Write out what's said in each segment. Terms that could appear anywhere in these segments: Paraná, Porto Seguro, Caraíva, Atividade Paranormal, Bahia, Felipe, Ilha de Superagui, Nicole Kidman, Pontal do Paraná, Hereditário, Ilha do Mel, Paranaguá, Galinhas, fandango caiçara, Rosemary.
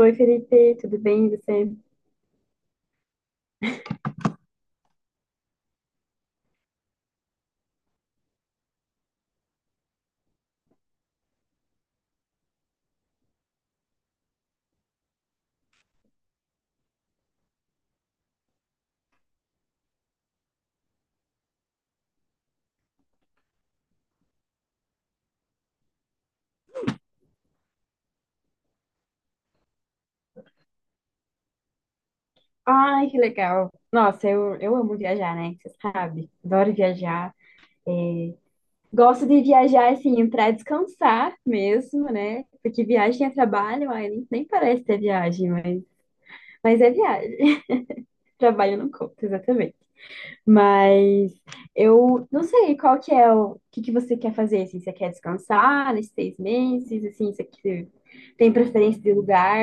Oi, Felipe, tudo bem? E você? Ai, que legal. Nossa, eu amo viajar, né? Você sabe, adoro viajar. Gosto de viajar, assim, para descansar mesmo, né? Porque viagem é trabalho, ai, nem parece ter viagem, mas é viagem. Trabalho não conta, exatamente. Mas eu não sei qual que é o que que você quer fazer, assim, você quer descansar nesses 6 meses, assim, você tem preferência de lugar?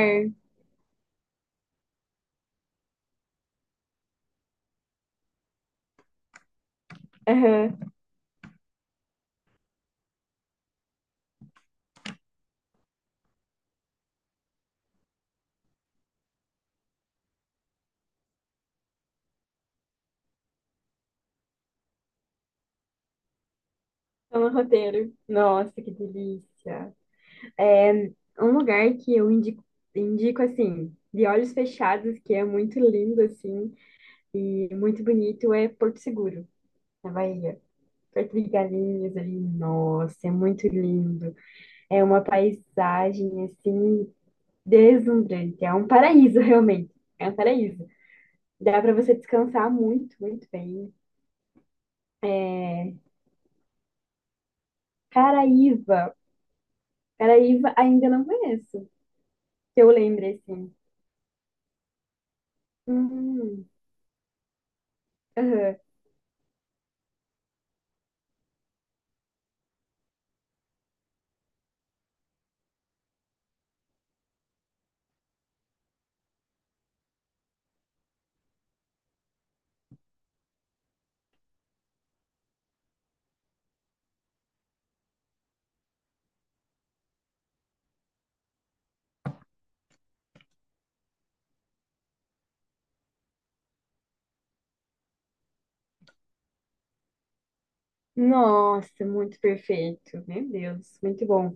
Aham, tá no roteiro. Nossa, que delícia. É um lugar que eu indico, indico assim, de olhos fechados, que é muito lindo, assim, e muito bonito, é Porto Seguro, na Bahia. Perto de Galinhas ali, nossa, é muito lindo. É uma paisagem, assim, deslumbrante. É um paraíso, realmente. É um paraíso. Dá para você descansar muito, muito bem. Caraíva. Caraíva ainda não conheço, que eu lembre, assim. Hum. Aham. Nossa, muito perfeito. Meu Deus, muito bom.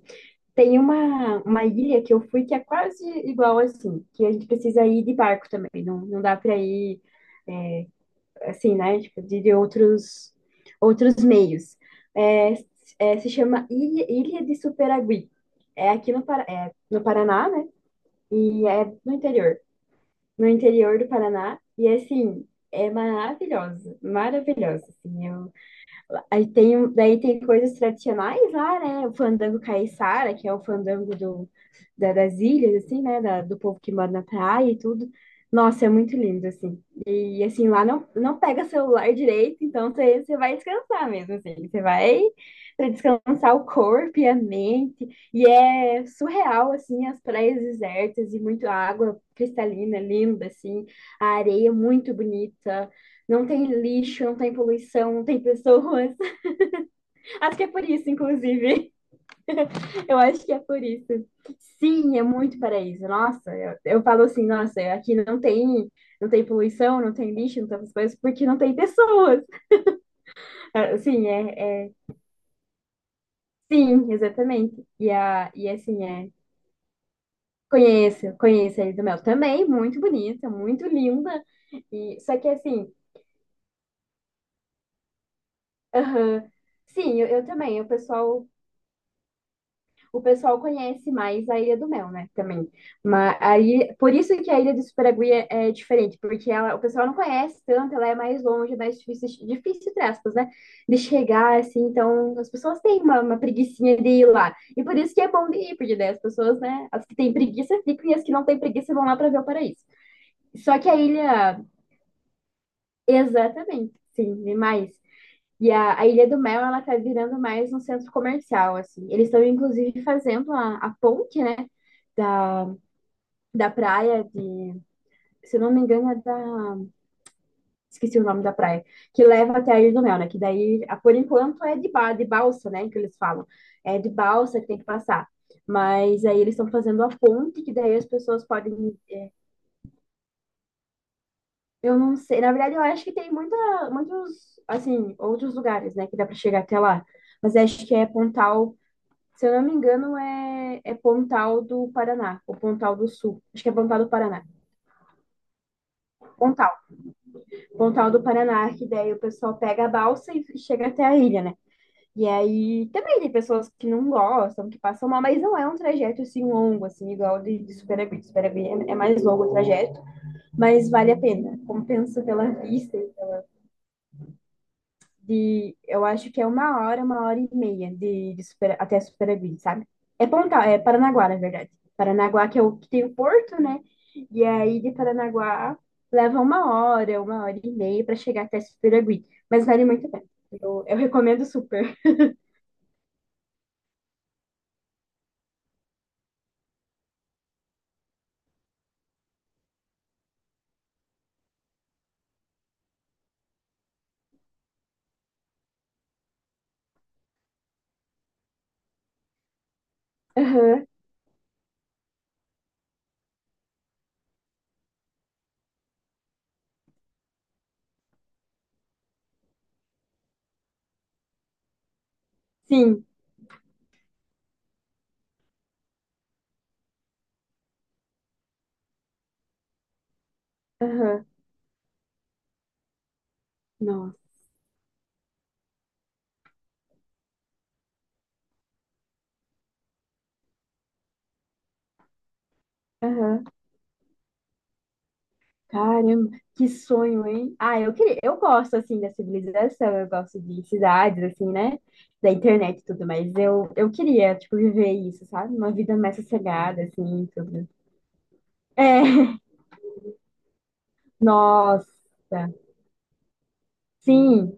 Tem uma ilha que eu fui que é quase igual assim, que a gente precisa ir de barco também. Não, não dá para ir assim, né? Tipo, de outros meios. É, se chama Ilha de Superagui. É aqui no Paraná, né? E é no interior. No interior do Paraná. E assim, é maravilhosa, maravilhosa. Assim, eu aí daí tem coisas tradicionais lá, né? O fandango caiçara, que é o fandango das ilhas, assim, né? Do povo que mora na praia e tudo. Nossa, é muito lindo, assim. E, assim, lá não pega celular direito, então você vai descansar mesmo, assim. Você vai pra descansar o corpo e a mente. E é surreal, assim, as praias desertas e muito água cristalina, linda, assim. A areia muito bonita. Não tem lixo, não tem poluição, não tem pessoas. Acho que é por isso, inclusive. Eu acho que é por isso. Sim, é muito paraíso. Nossa, eu falo assim, nossa, aqui não tem poluição, não tem lixo, não tem essas coisas, porque não tem pessoas. Ah, sim, sim, exatamente. E assim, é, conheço, conheço a Ilha do Mel também, muito bonita, muito linda. E, só que assim, aham, sim, eu também, o pessoal conhece mais a Ilha do Mel, né? Também. Mas aí, por isso que a Ilha do Superagui é diferente, porque ela, o pessoal não conhece tanto, ela é mais longe, mais difícil, difícil, entre aspas, né? De chegar, assim, então as pessoas têm uma preguiçinha de ir lá. E por isso que é bom de ir, porque daí as pessoas, né? As que têm preguiça ficam e as que não têm preguiça vão lá para ver o paraíso. Só que a ilha, exatamente, sim, demais. E a Ilha do Mel, ela tá virando mais um centro comercial, assim. Eles estão, inclusive, fazendo a ponte, né, da, da praia de... Se eu não me engano, é da... Esqueci o nome da praia. Que leva até a Ilha do Mel, né? Que daí, por enquanto, é de balsa, né, que eles falam. É de balsa que tem que passar. Mas aí eles estão fazendo a ponte, que daí as pessoas podem... Eu não sei. Na verdade, eu acho que tem muita, muitos, assim, outros lugares, né, que dá para chegar até lá. Mas acho que é Pontal. Se eu não me engano, é Pontal do Paraná, ou Pontal do Sul. Acho que é Pontal do Paraná. Pontal. Pontal do Paraná, é que daí o pessoal pega a balsa e chega até a ilha, né? E aí também tem pessoas que não gostam, que passam mal, mas não é um trajeto assim longo, assim, igual de Superagui. Superagui é mais longo o trajeto, mas vale a pena. Compensa pela vista, eu acho que é uma hora e meia de até Superaguí, sabe? É Pontal, é Paranaguá, na verdade. Paranaguá que é o que tem o porto, né? E aí de Paranaguá leva uma hora e meia para chegar até Superaguí, mas vale muito a pena. Eu recomendo super. Aham. Sim. Aham. Nossa. Aham. Caramba, que sonho, hein? Ah, eu queria, eu gosto assim da civilização, eu gosto de cidades assim, né? Da internet e tudo, mas eu queria, tipo, viver isso, sabe? Uma vida mais sossegada assim, e tudo. É. Nossa. Sim,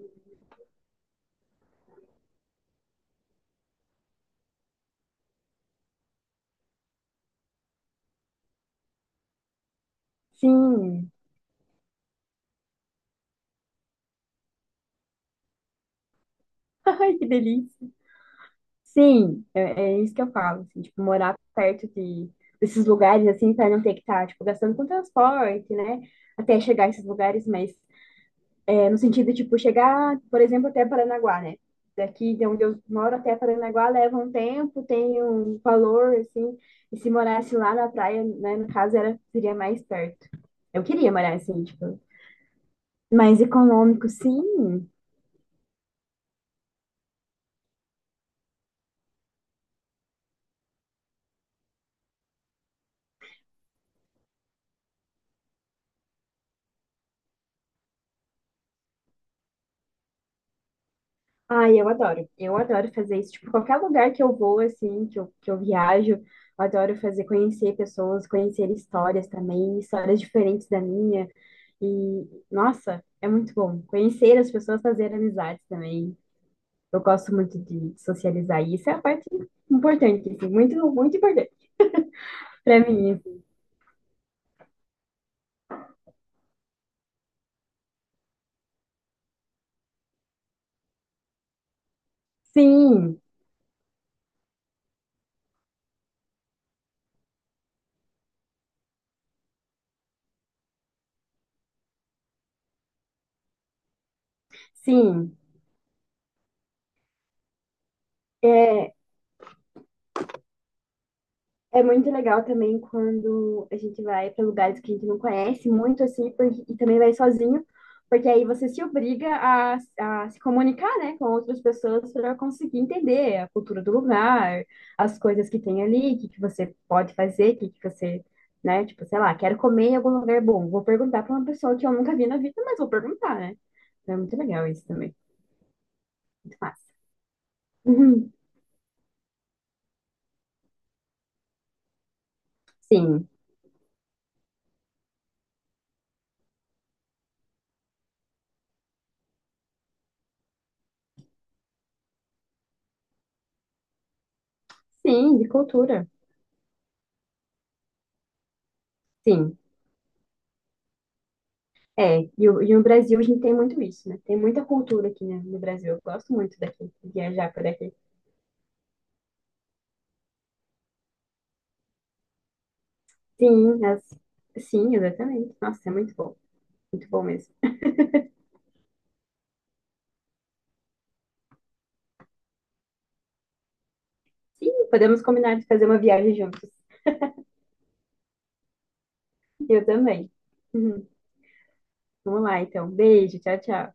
sim. Ai, que delícia. Sim, é isso que eu falo, assim, tipo, morar perto de desses lugares assim, para não ter que estar, tipo, gastando com transporte, né? Até chegar a esses lugares, mas é, no sentido, tipo, chegar, por exemplo, até Paranaguá, né? Daqui de onde eu moro até Paranaguá leva um tempo, tem um valor, assim. E se morasse lá na praia, né, no caso, era, seria mais perto. Eu queria morar assim, tipo, mais econômico, sim. Ai, eu adoro. Eu adoro fazer isso. Tipo, qualquer lugar que eu vou, assim, que eu viajo, eu adoro fazer, conhecer pessoas, conhecer histórias também, histórias diferentes da minha. E, nossa, é muito bom. Conhecer as pessoas, fazer amizades também. Eu gosto muito de socializar, e isso é a parte importante, assim, muito, muito importante para mim. Assim. Sim, sim. é É muito legal também quando a gente vai para lugares que a gente não conhece muito, assim, e também vai sozinho, porque aí você se obriga a se comunicar, né, com outras pessoas para conseguir entender a cultura do lugar, as coisas que tem ali, o que que você pode fazer, o que que você, né, tipo, sei lá, quero comer em algum lugar bom, vou perguntar para uma pessoa que eu nunca vi na vida, mas vou perguntar, né? Então é muito legal isso também, muito massa. Uhum. Sim, sim, de cultura, sim. É, e, e no Brasil a gente tem muito isso, né? Tem muita cultura aqui, né, no Brasil. Eu gosto muito daqui, viajar por aqui. Sim, as... sim, exatamente. Nossa, é muito bom. Muito bom mesmo. Sim, podemos combinar de fazer uma viagem juntos. Eu também. Uhum. Vamos lá, então. Beijo, tchau, tchau.